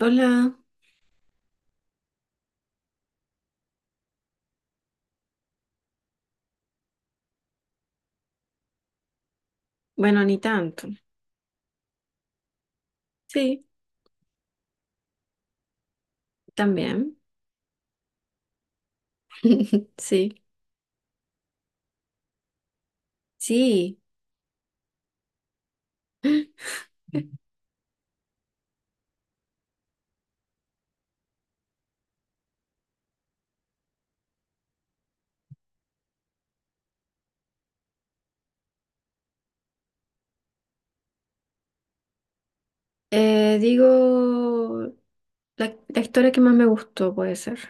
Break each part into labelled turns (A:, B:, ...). A: Hola, bueno, ni tanto. Sí, también. Sí, sí. Eh, digo, la historia que más me gustó puede ser.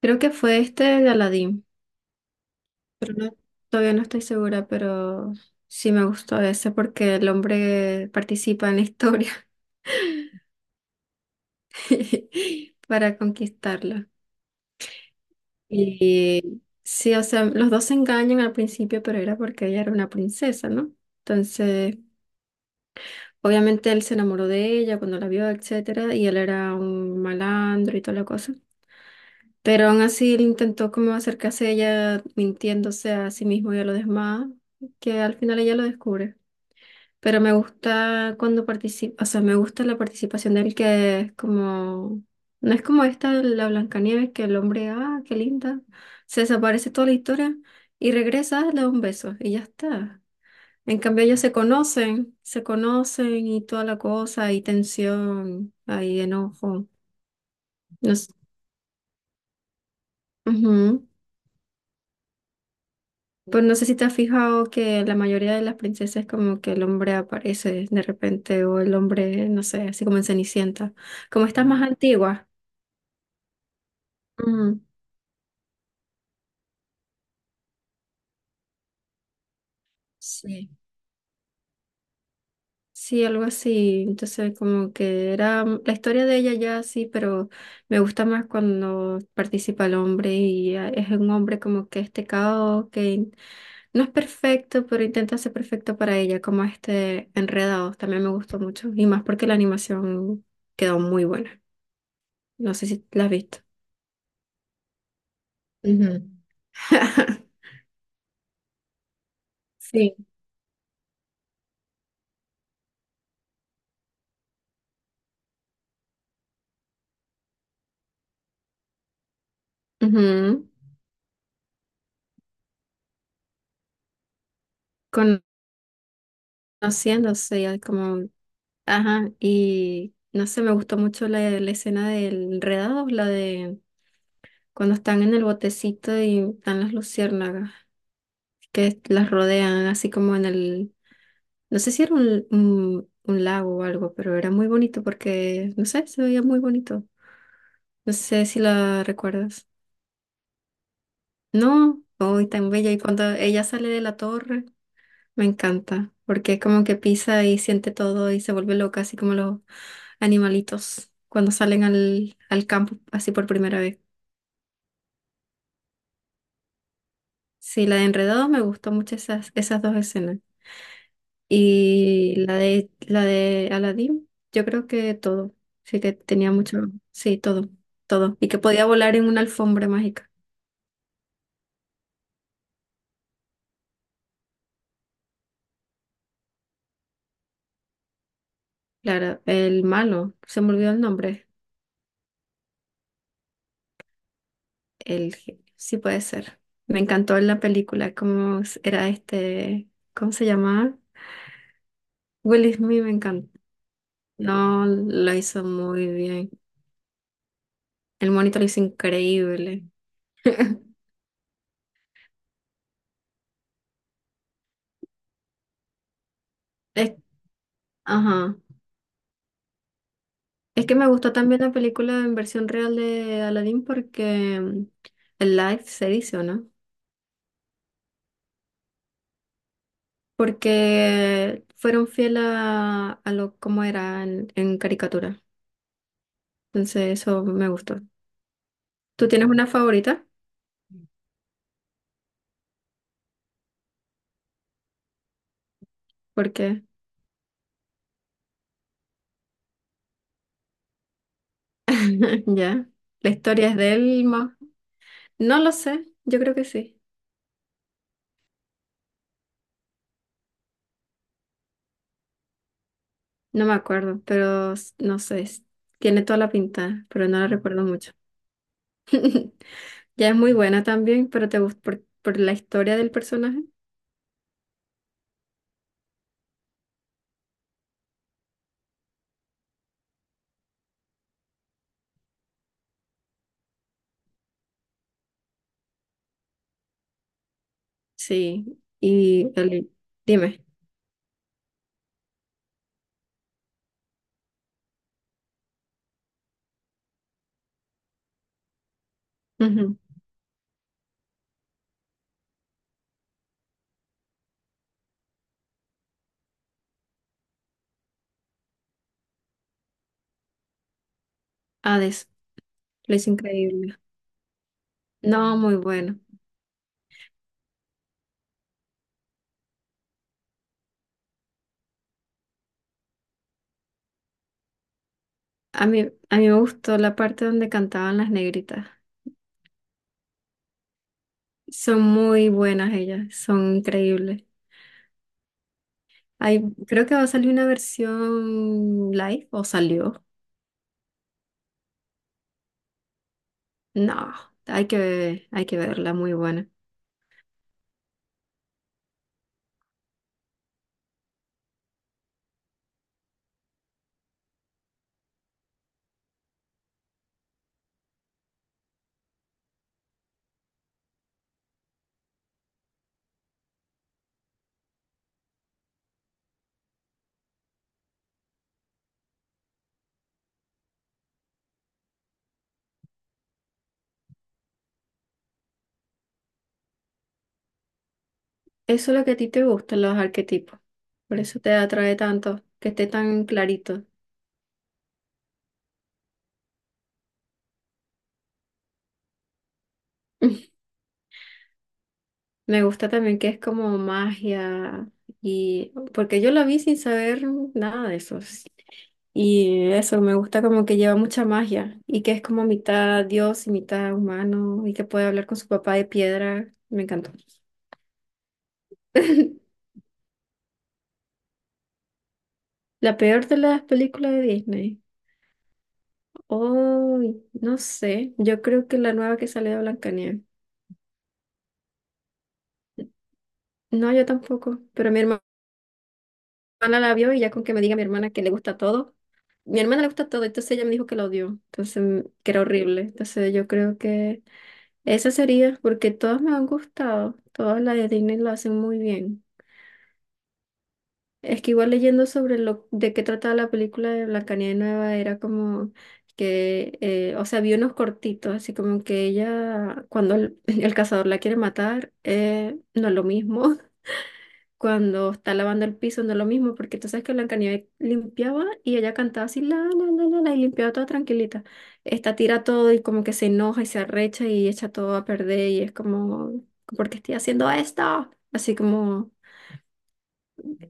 A: Creo que fue este de Aladdin, pero todavía no estoy segura, pero sí me gustó ese porque el hombre participa en la historia para conquistarla. Y sí, o sea, los dos se engañan al principio, pero era porque ella era una princesa, ¿no? Entonces... Obviamente él se enamoró de ella cuando la vio, etcétera, y él era un malandro y toda la cosa. Pero aún así él intentó como acercarse a ella mintiéndose a sí mismo y a los demás, que al final ella lo descubre. Pero me gusta cuando participa, o sea, me gusta la participación de él que es como, no es como esta la Blancanieves que el hombre, ah, qué linda, se desaparece toda la historia y regresa, le da un beso y ya está. En cambio, ellos se conocen y toda la cosa, hay tensión, hay enojo. No s- Ujú. Pues no sé si te has fijado que la mayoría de las princesas como que el hombre aparece de repente o el hombre, no sé, así como en Cenicienta. Como estas más Mm. antiguas. Ujú. Sí. Sí, algo así. Entonces, como que era la historia de ella ya sí, pero me gusta más cuando participa el hombre y ah, es un hombre como que este caos, que no es perfecto, pero intenta ser perfecto para ella, como este Enredados. También me gustó mucho y más porque la animación quedó muy buena. No sé si la has visto. Ujú. Sí. Ujú. Conociéndose ya como ajá, y no sé, me gustó mucho la escena del enredado, la de cuando están en el botecito y están las luciérnagas que las rodean, así como en el, no sé si era un lago o algo, pero era muy bonito porque, no sé, se veía muy bonito. No sé si la recuerdas. No, hoy tan bella. Y cuando ella sale de la torre. Me encanta, porque como que pisa y siente todo y se vuelve loca, así como los animalitos cuando salen al campo así por primera vez. Sí, la de Enredados me gustó mucho esas, esas dos escenas. Y la de Aladdin, yo creo que todo. Sí que tenía mucho, sí, todo, todo. Y que podía volar en una alfombra mágica. Claro, el malo, se me olvidó el nombre. El, ge- sí puede ser. Me encantó en la película cómo era este, ¿cómo se llamaba? Will Smith me encanta. No, lo hizo muy bien. El monito lo hizo increíble. Es, ajá. Es que me gustó también la película en versión real de Aladdin porque el live se dice, ¿o no? Porque fueron fieles a lo como era en caricatura. Entonces eso me gustó. ¿Tú tienes una favorita? Porque ya, la historia es de él. No lo sé, yo creo que sí. No me acuerdo, pero no sé, tiene toda la pinta, pero no la recuerdo mucho. Ya es muy buena también, pero te gusta por la historia del personaje. Sí, y el, dime, ujú, Hades, lo es increíble. No, muy bueno. A mí me gustó la parte donde cantaban las negritas. Son muy buenas ellas, son increíbles. Hay, creo que va a salir una versión live o salió. No, hay que verla, muy buena. Eso es lo que a ti te gusta, los arquetipos. Por eso te atrae tanto, que esté tan clarito. Me gusta también que es como magia y porque yo la vi sin saber nada de eso. Sí. Y eso, me gusta como que lleva mucha magia y que es como mitad dios y mitad humano y que puede hablar con su papá de piedra. Me encantó. La peor de las películas de Disney. Oh, no sé. Yo creo que la nueva que sale de Blancanieves. No, yo tampoco. Pero mi hermano hermana la vio y ya con que me diga mi hermana que le gusta todo. Mi hermana le gusta todo, entonces ella me dijo que lo odió, entonces que era horrible. Entonces yo creo que esa sería, porque todas me han gustado, todas las de Disney lo hacen muy bien. Es que igual leyendo sobre lo de qué trataba la película de Blancanieves Nueva era como que, o sea, vi unos cortitos, así como que ella, cuando el, el cazador la quiere matar, no es lo mismo. Cuando está lavando el piso no es lo mismo, porque tú sabes que Blancanieves limpiaba y ella cantaba así, la, y limpiaba toda tranquilita. Esta tira todo y como que se enoja y se arrecha y echa todo a perder y es como, ¿por qué estoy haciendo esto? Así como,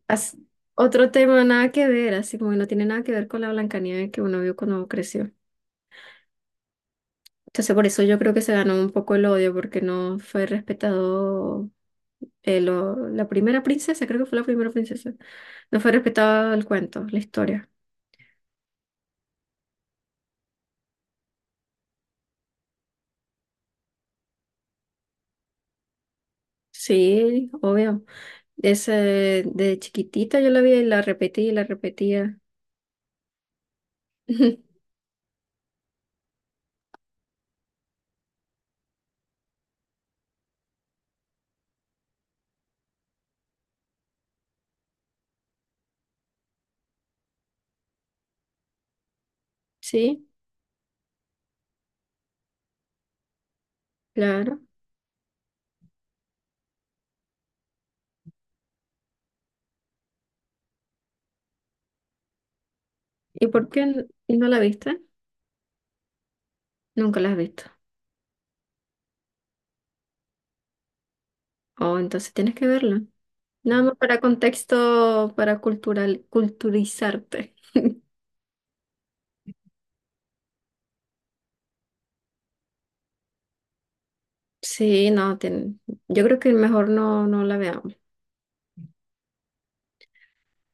A: as- otro tema nada que ver, así como que no tiene nada que ver con la Blancanieves que uno vio cuando creció. Entonces por eso yo creo que se ganó un poco el odio, porque no fue respetado la primera princesa, creo que fue la primera princesa, no fue respetado el cuento, la historia. Sí, obvio. Esa de chiquitita yo la vi y la repetí y la repetía. Sí, claro. ¿Y por qué y no la viste? Nunca la has visto. Oh, entonces tienes que verla. Nada más para contexto, para cultural, culturizarte. Sí, no, yo creo que mejor no, no la veamos.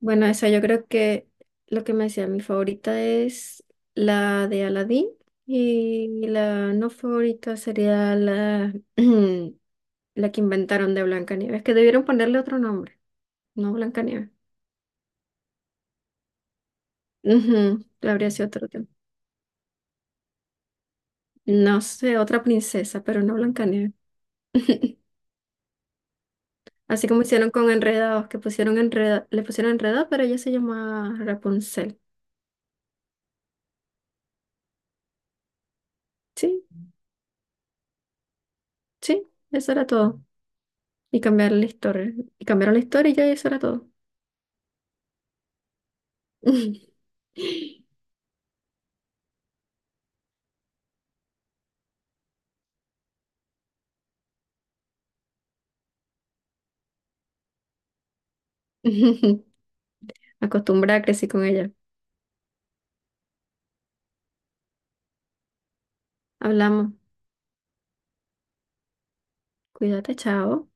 A: Bueno, esa yo creo que lo que me decía, mi favorita es la de Aladdin y la no favorita sería la la que inventaron de Blancanieves, que debieron ponerle otro nombre, no Blancanieves. Ujú, habría sido otro tema. No sé, otra princesa, pero no Blancanieves. Así como hicieron con Enredados, que pusieron enreda, le pusieron Enredados, pero ella se llamaba Rapunzel. Sí, sí, eso era todo. Y cambiaron la historia. Y cambiaron la historia y ya eso era todo. Acostumbrada, crecí con ella. Hablamos. Cuídate, chao.